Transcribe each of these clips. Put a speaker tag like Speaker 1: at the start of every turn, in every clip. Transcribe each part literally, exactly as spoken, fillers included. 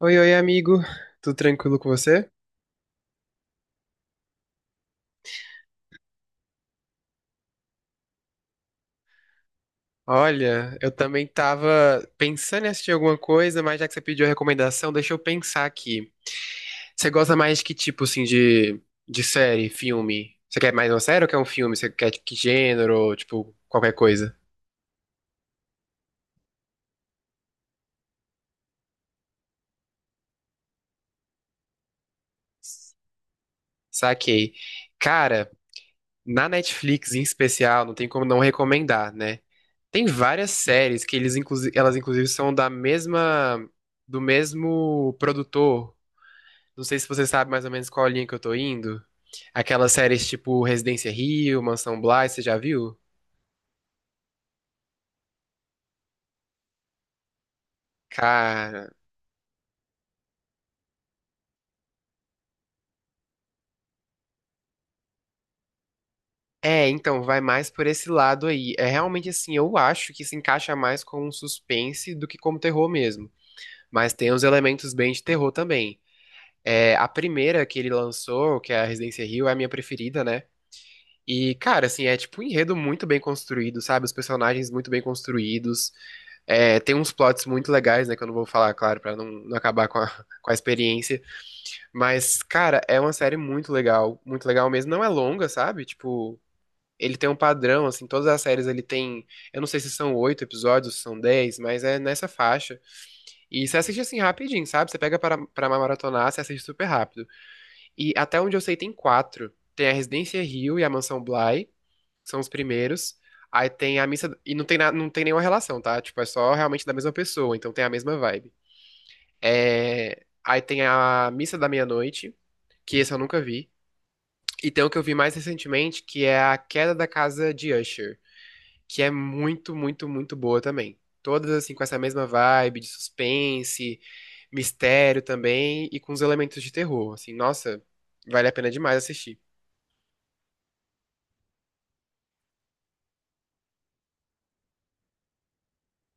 Speaker 1: Oi, oi, amigo. Tudo tranquilo com você? Olha, eu também tava pensando em assistir alguma coisa, mas já que você pediu a recomendação, deixa eu pensar aqui. Você gosta mais de que tipo, assim, de, de série, filme? Você quer mais uma série ou quer um filme? Você quer tipo, que gênero, tipo, qualquer coisa? Saquei. Cara, na Netflix em especial, não tem como não recomendar, né? Tem várias séries que eles, inclusive, elas inclusive são da mesma, do mesmo produtor. Não sei se você sabe mais ou menos qual linha que eu tô indo. Aquelas séries tipo Residência Rio, Mansão Bly, você já viu? Cara, é, então vai mais por esse lado aí. É realmente assim, eu acho que se encaixa mais com um suspense do que como terror mesmo. Mas tem uns elementos bem de terror também. É, a primeira que ele lançou, que é a Residência Rio, é a minha preferida, né? E, cara, assim, é tipo um enredo muito bem construído, sabe? Os personagens muito bem construídos. É, tem uns plots muito legais, né? Que eu não vou falar, claro, pra não, não acabar com a, com a experiência. Mas, cara, é uma série muito legal. Muito legal mesmo. Não é longa, sabe? Tipo, ele tem um padrão, assim. Todas as séries ele tem. Eu não sei se são oito episódios, se são dez, mas é nessa faixa. E você assiste assim rapidinho, sabe? Você pega pra, pra maratonar, você assiste super rápido. E até onde eu sei, tem quatro. Tem a Residência Hill e a Mansão Bly são os primeiros. Aí tem a missa. E não tem, na- não tem nenhuma relação, tá? Tipo, é só realmente da mesma pessoa, então tem a mesma vibe. É, aí tem a missa da meia-noite, que esse eu nunca vi. E tem o que eu vi mais recentemente, que é a Queda da Casa de Usher, que é muito, muito, muito boa também. Todas assim com essa mesma vibe de suspense, mistério também e com os elementos de terror. Assim, nossa, vale a pena demais assistir.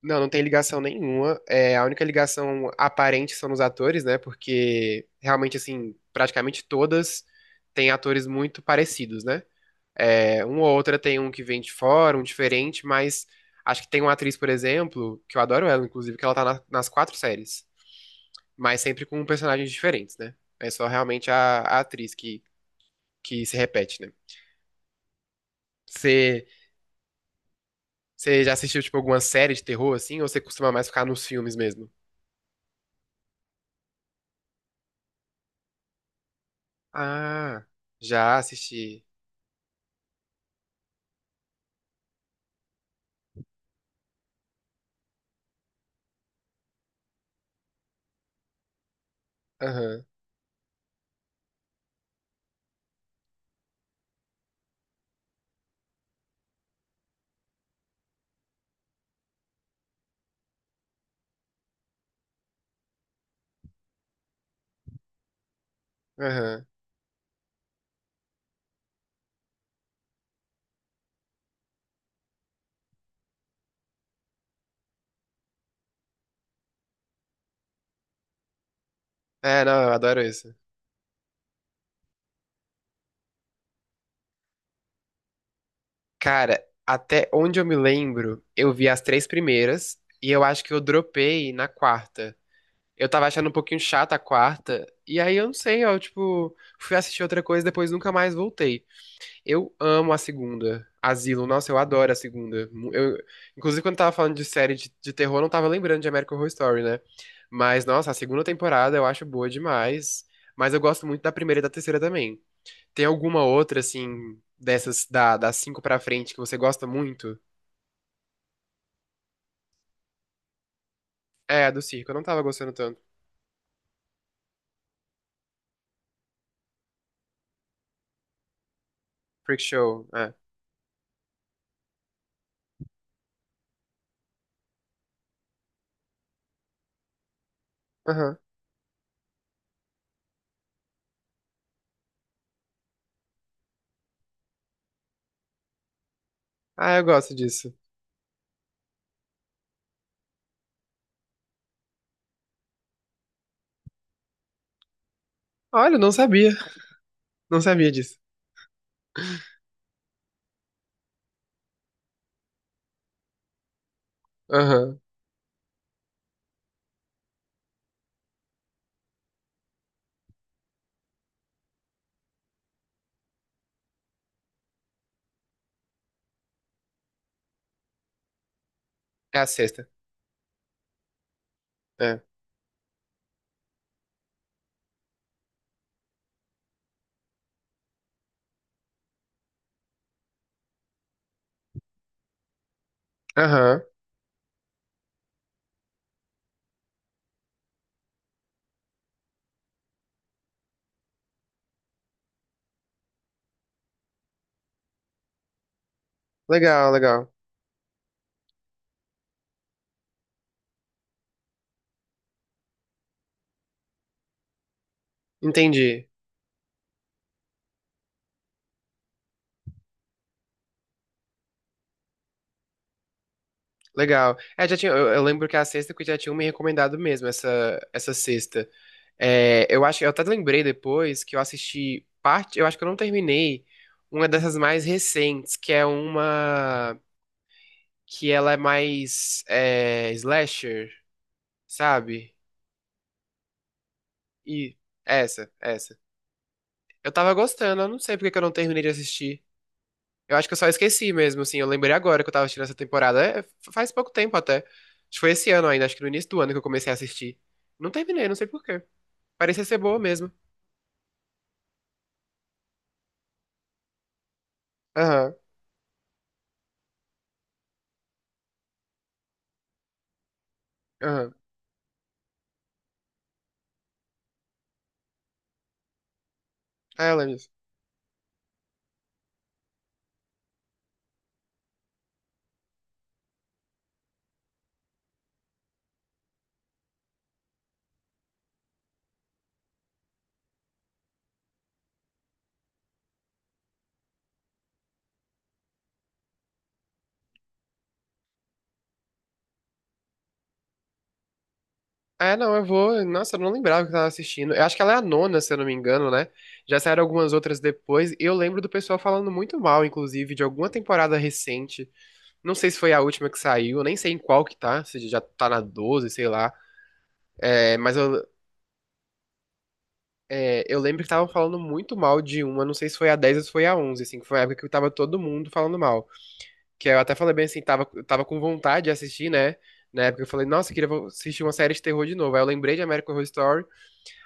Speaker 1: Não, não tem ligação nenhuma. É, a única ligação aparente são nos atores, né? Porque realmente, assim, praticamente todas têm atores muito parecidos, né? É, uma ou outra tem um que vem de fora, um diferente, mas acho que tem uma atriz, por exemplo, que eu adoro ela, inclusive, que ela tá na- nas quatro séries, mas sempre com personagens diferentes, né? É só realmente a, a atriz que, que se repete, né? Você, você já assistiu, tipo, alguma série de terror, assim, ou você costuma mais ficar nos filmes mesmo? Ah, já assisti. Aham, aham. É, não, eu adoro isso. Cara, até onde eu me lembro, eu vi as três primeiras e eu acho que eu dropei na quarta. Eu tava achando um pouquinho chata a quarta, e aí eu não sei, eu, tipo, fui assistir outra coisa e depois nunca mais voltei. Eu amo a segunda. Asilo, nossa, eu adoro a segunda. Mu- Eu, inclusive, quando tava falando de série de, de terror, eu não tava lembrando de American Horror Story, né? Mas, nossa, a segunda temporada eu acho boa demais. Mas eu gosto muito da primeira e da terceira também. Tem alguma outra, assim, dessas da, das cinco pra frente que você gosta muito? É, a do circo. Eu não tava gostando tanto. Freak Show, é. Aham. Ah, eu gosto disso. Olha, eu não sabia. Não sabia disso. Aham. É a sexta. É. Aham. Legal, legal. Entendi. Legal. É, já tinha, eu, eu lembro que a sexta que já tinham me recomendado mesmo, essa, essa sexta. É, eu acho, eu até lembrei depois que eu assisti parte, eu acho que eu não terminei uma dessas mais recentes, que é uma. Que ela é mais é, slasher, sabe? E essa, essa. Eu tava gostando, eu não sei porque que eu não terminei de assistir. Eu acho que eu só esqueci mesmo, assim. Eu lembrei agora que eu tava assistindo essa temporada. É, faz pouco tempo até. Acho que foi esse ano ainda, acho que no início do ano que eu comecei a assistir. Não terminei, não sei por quê. Parecia ser boa mesmo. Aham, aham. É, ela É, não, eu vou. Nossa, eu não lembrava que eu tava assistindo. Eu acho que ela é a nona, se eu não me engano, né? Já saíram algumas outras depois. E eu lembro do pessoal falando muito mal, inclusive, de alguma temporada recente. Não sei se foi a última que saiu, nem sei em qual que tá, se já tá na doze, sei lá. É, mas eu, é, eu lembro que estavam falando muito mal de uma, não sei se foi a dez ou se foi a onze, assim, que foi a época que tava todo mundo falando mal. Que eu até falei bem assim, tava, eu tava com vontade de assistir, né? Na época eu falei, nossa, eu queria vo- assistir uma série de terror de novo. Aí eu lembrei de American Horror Story.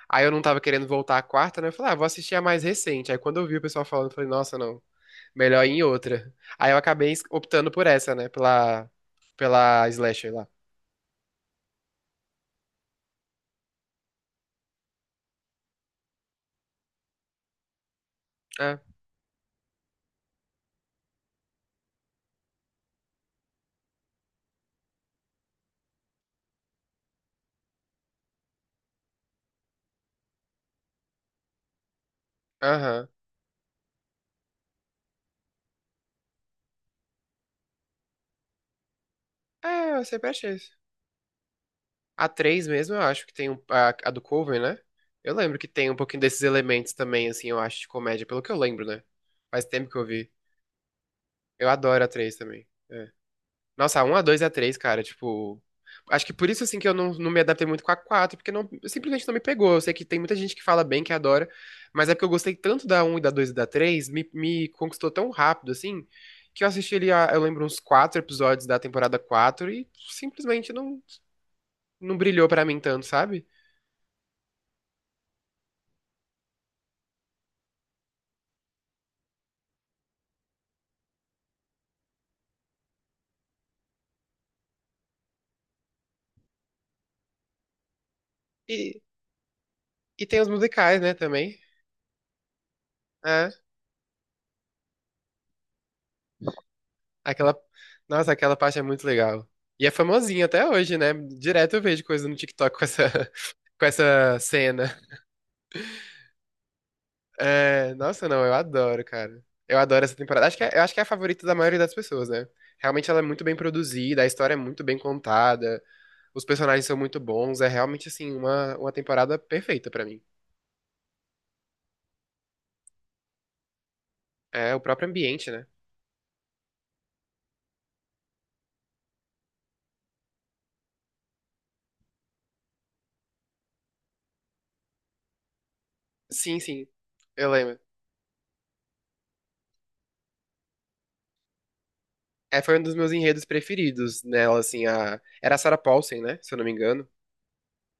Speaker 1: Aí eu não tava querendo voltar à quarta, né? Eu falei, ah, vou assistir a mais recente. Aí quando eu vi o pessoal falando, eu falei, nossa, não, melhor ir em outra. Aí eu acabei es- optando por essa, né? Pela, pela slasher lá. Ah, aham. É, eu sempre achei isso. A três mesmo, eu acho que tem um, a, a do cover, né? Eu lembro que tem um pouquinho desses elementos também, assim, eu acho, de comédia, pelo que eu lembro, né? Faz tempo que eu vi. Eu adoro a três também. É. Nossa, a um, a dois a três cara, tipo. Acho que por isso, assim, que eu não, não me adaptei muito com a quatro porque não, simplesmente não me pegou. Eu sei que tem muita gente que fala bem, que adora, mas é porque eu gostei tanto da um e da dois e da três me, me conquistou tão rápido, assim, que eu assisti ali, a- eu lembro, uns quatro episódios da temporada quatro e simplesmente não, não brilhou pra mim tanto, sabe? E, e tem os musicais, né, também. É, aquela. Nossa, aquela parte é muito legal. E é famosinha até hoje, né? Direto eu vejo coisa no TikTok com essa, com essa cena. É, nossa, não, eu adoro, cara. Eu adoro essa temporada. Acho que é, eu acho que é a favorita da maioria das pessoas, né? Realmente ela é muito bem produzida, a história é muito bem contada, os personagens são muito bons, é realmente, assim, uma, uma temporada perfeita pra mim. É o próprio ambiente, né? Sim, sim, eu lembro. É, foi um dos meus enredos preferidos nela, assim, a... Era a Sarah Paulson, né? Se eu não me engano.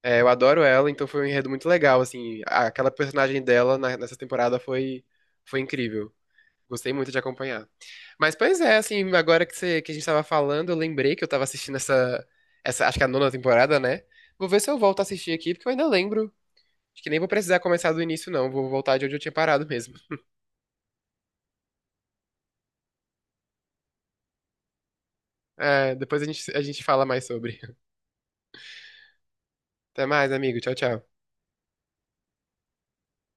Speaker 1: É, eu adoro ela, então foi um enredo muito legal, assim. a- Aquela personagem dela na- nessa temporada foi, foi incrível. Gostei muito de acompanhar. Mas, pois é, assim, agora que, você, que a gente tava falando, eu lembrei que eu tava assistindo essa, essa, acho que é a nona temporada, né? Vou ver se eu volto a assistir aqui, porque eu ainda lembro. Acho que nem vou precisar começar do início, não. Vou voltar de onde eu tinha parado mesmo. É, depois a gente, a gente fala mais sobre. Até mais, amigo. Tchau, tchau.